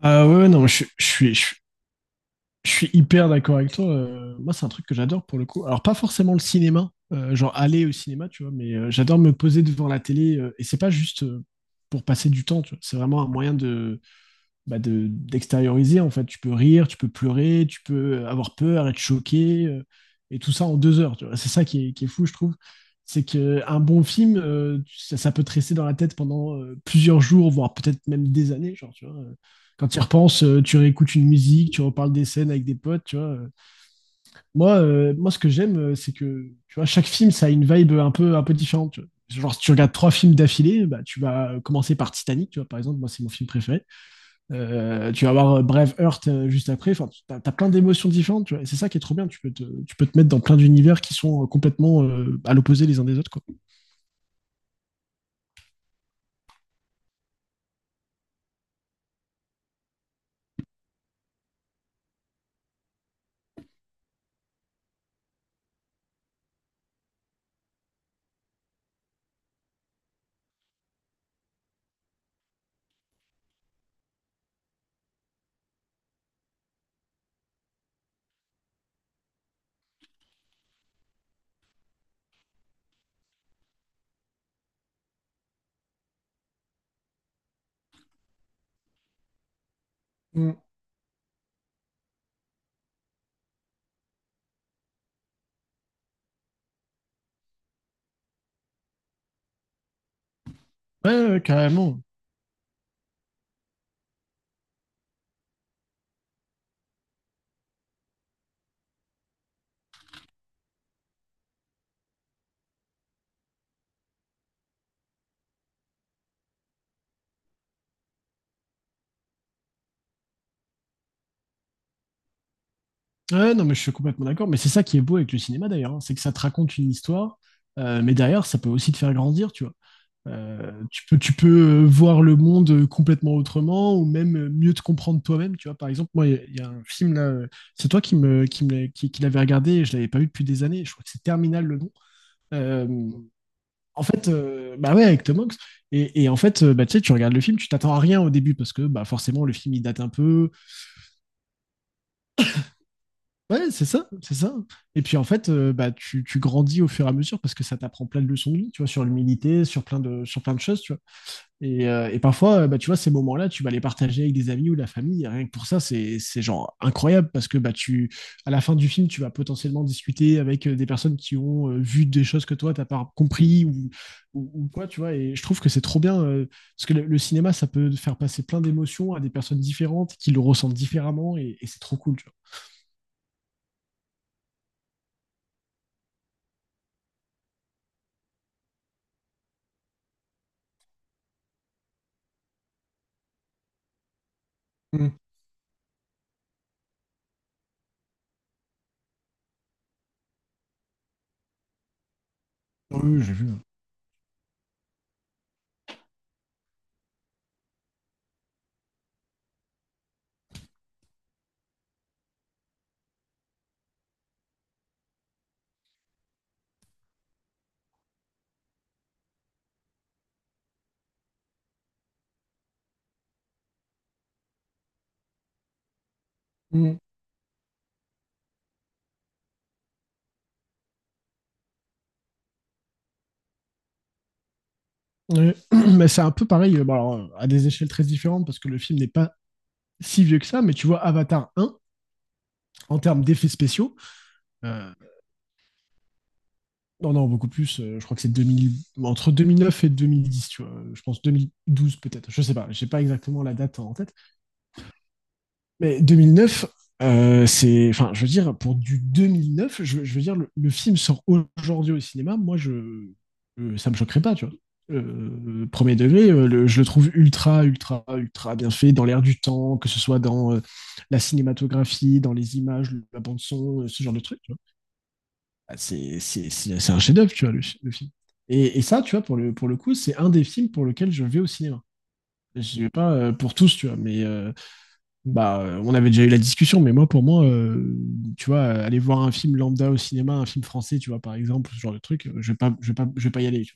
Ah, ouais, ouais, non, je suis hyper d'accord avec toi. Moi, c'est un truc que j'adore pour le coup. Alors, pas forcément le cinéma, genre aller au cinéma, tu vois, mais j'adore me poser devant la télé. Et c'est pas juste pour passer du temps, tu vois. C'est vraiment un moyen de, bah, de, d'extérioriser en fait. Tu peux rire, tu peux pleurer, tu peux avoir peur, être choqué, et tout ça en deux heures. Tu vois. C'est ça qui est fou, je trouve. C'est qu'un bon film, ça peut te rester dans la tête pendant plusieurs jours, voire peut-être même des années. Genre, tu vois. Quand tu y repenses, tu réécoutes une musique, tu reparles des scènes avec des potes. Tu vois. Moi, ce que j'aime, c'est que tu vois, chaque film, ça a une vibe un peu différente. Tu vois. Genre, si tu regardes trois films d'affilée, bah, tu vas commencer par Titanic, tu vois, par exemple. Moi, c'est mon film préféré. Tu vas avoir Braveheart juste après. Enfin, t'as as, plein d'émotions différentes. Tu vois. Et c'est ça qui est trop bien. Tu peux te mettre dans plein d'univers qui sont complètement à l'opposé les uns des autres. Quoi. Mm. Ouais, ouais, carrément. Ouais, non, mais je suis complètement d'accord. Mais c'est ça qui est beau avec le cinéma d'ailleurs, hein. C'est que ça te raconte une histoire, mais derrière, ça peut aussi te faire grandir, tu vois. Tu peux voir le monde complètement autrement ou même mieux te comprendre toi-même. Tu vois, par exemple, moi, il y a un film là, c'est toi qui l'avais regardé et je l'avais pas vu depuis des années. Je crois que c'est Terminal le nom. Euh, bah ouais, avec Tom Hanks. Et en fait, bah, tu sais, tu regardes le film, tu t'attends à rien au début parce que bah, forcément, le film, il date un peu. Ouais, c'est ça, c'est ça. Et puis en fait, bah, tu grandis au fur et à mesure parce que ça t'apprend plein de leçons de vie, tu vois, sur l'humilité, sur plein de choses, tu vois. Et parfois, bah, tu vois, ces moments-là, tu vas les partager avec des amis ou de la famille. Et rien que pour ça, c'est genre incroyable parce que bah, tu, à la fin du film, tu vas potentiellement discuter avec des personnes qui ont vu des choses que toi, t'as pas compris ou quoi, tu vois. Et je trouve que c'est trop bien parce que le cinéma, ça peut faire passer plein d'émotions à des personnes différentes qui le ressentent différemment et c'est trop cool, tu vois. Mm. Oui, j'ai vu. Mm. Ouais. Mais c'est un peu pareil, bon, alors, à des échelles très différentes parce que le film n'est pas si vieux que ça, mais tu vois, Avatar un en termes d'effets spéciaux. Euh, non, non, beaucoup plus. Je crois que c'est 2000 entre 2009 et 2010, tu vois. Je pense 2012 peut-être. Je sais pas. J'ai pas exactement la date en tête. Mais 2009, c'est. Enfin, je veux dire, pour du 2009, je veux dire, le film sort aujourd'hui au cinéma. Moi, je, ça me choquerait pas, tu vois. Premier degré, je le trouve ultra bien fait dans l'air du temps, que ce soit dans la cinématographie, dans les images, la bande son, ce genre de truc. Bah, c'est un chef-d'œuvre, tu vois, le film. Et ça, tu vois, pour pour le coup, c'est un des films pour lequel je vais au cinéma. Je vais pas pour tous, tu vois, mais on avait déjà eu la discussion, mais moi, pour moi, tu vois, aller voir un film lambda au cinéma, un film français, tu vois, par exemple, ce genre de truc, je vais pas y aller. Tu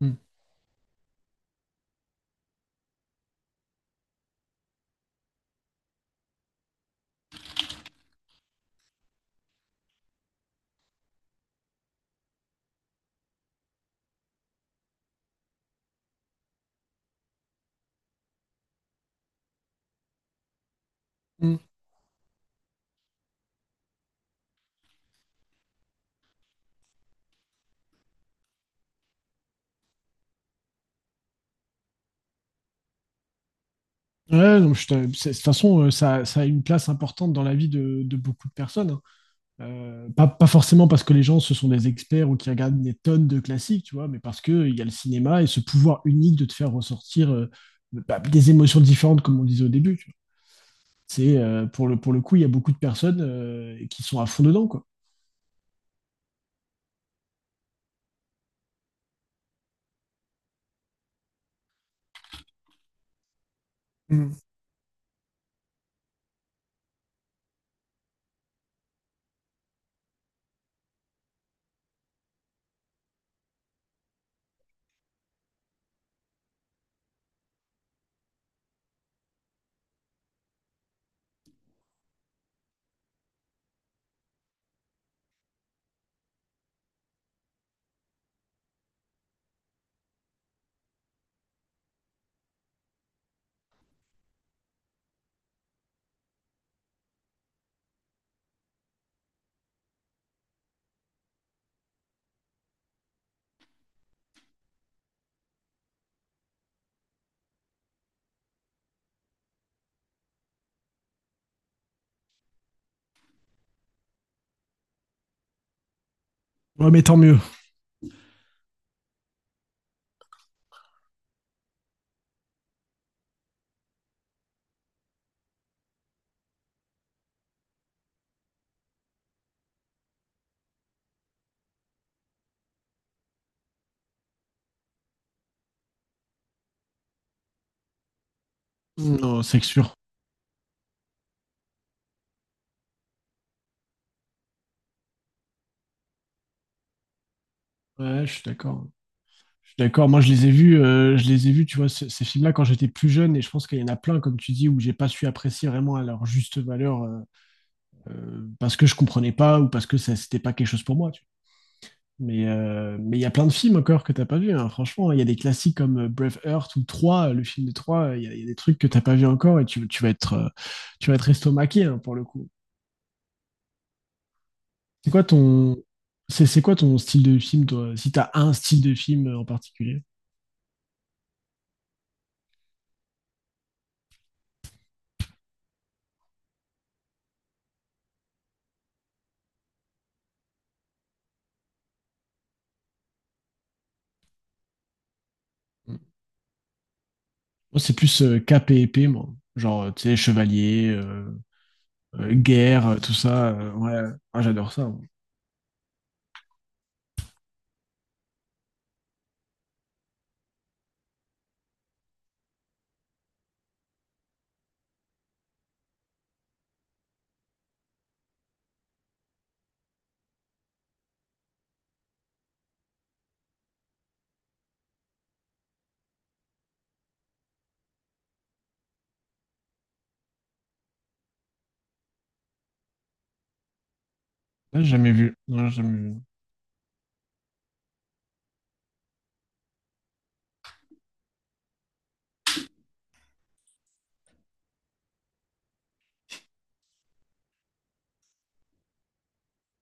vois. Mm. Mm. Ouais, donc, c'est de toute façon, ça a une place importante dans la vie de beaucoup de personnes, hein. Pas forcément parce que les gens, ce sont des experts ou qui regardent des tonnes de classiques, tu vois, mais parce qu'il y a le cinéma et ce pouvoir unique de te faire ressortir bah, des émotions différentes, comme on disait au début. Tu vois. C'est, pour pour le coup, il y a beaucoup de personnes qui sont à fond dedans, quoi. Mm. Ouais, mais tant mieux. Mm. Non, c'est sûr. Ouais, je suis d'accord. Je suis d'accord. Moi, je les ai vus, tu vois, ces films-là quand j'étais plus jeune, et je pense qu'il y en a plein, comme tu dis, où j'ai pas su apprécier vraiment à leur juste valeur, parce que je comprenais pas ou parce que ça, c'était pas quelque chose pour moi. Tu mais mais il y a plein de films encore que t'as pas vu, hein. Franchement, il y a des classiques comme Braveheart ou 3 le film de 3 il y a des trucs que t'as pas vu encore et tu vas être estomaqué, hein, pour le coup. C'est quoi ton, c'est quoi ton style de film, toi? Si t'as un style de film en particulier? Mm. Moi, c'est plus cap et épée, moi. Genre, tu sais, chevalier, guerre, tout ça. Ouais, moi, j'adore ça, moi. Ouais, j'ai jamais vu. Non, j'ai jamais vu.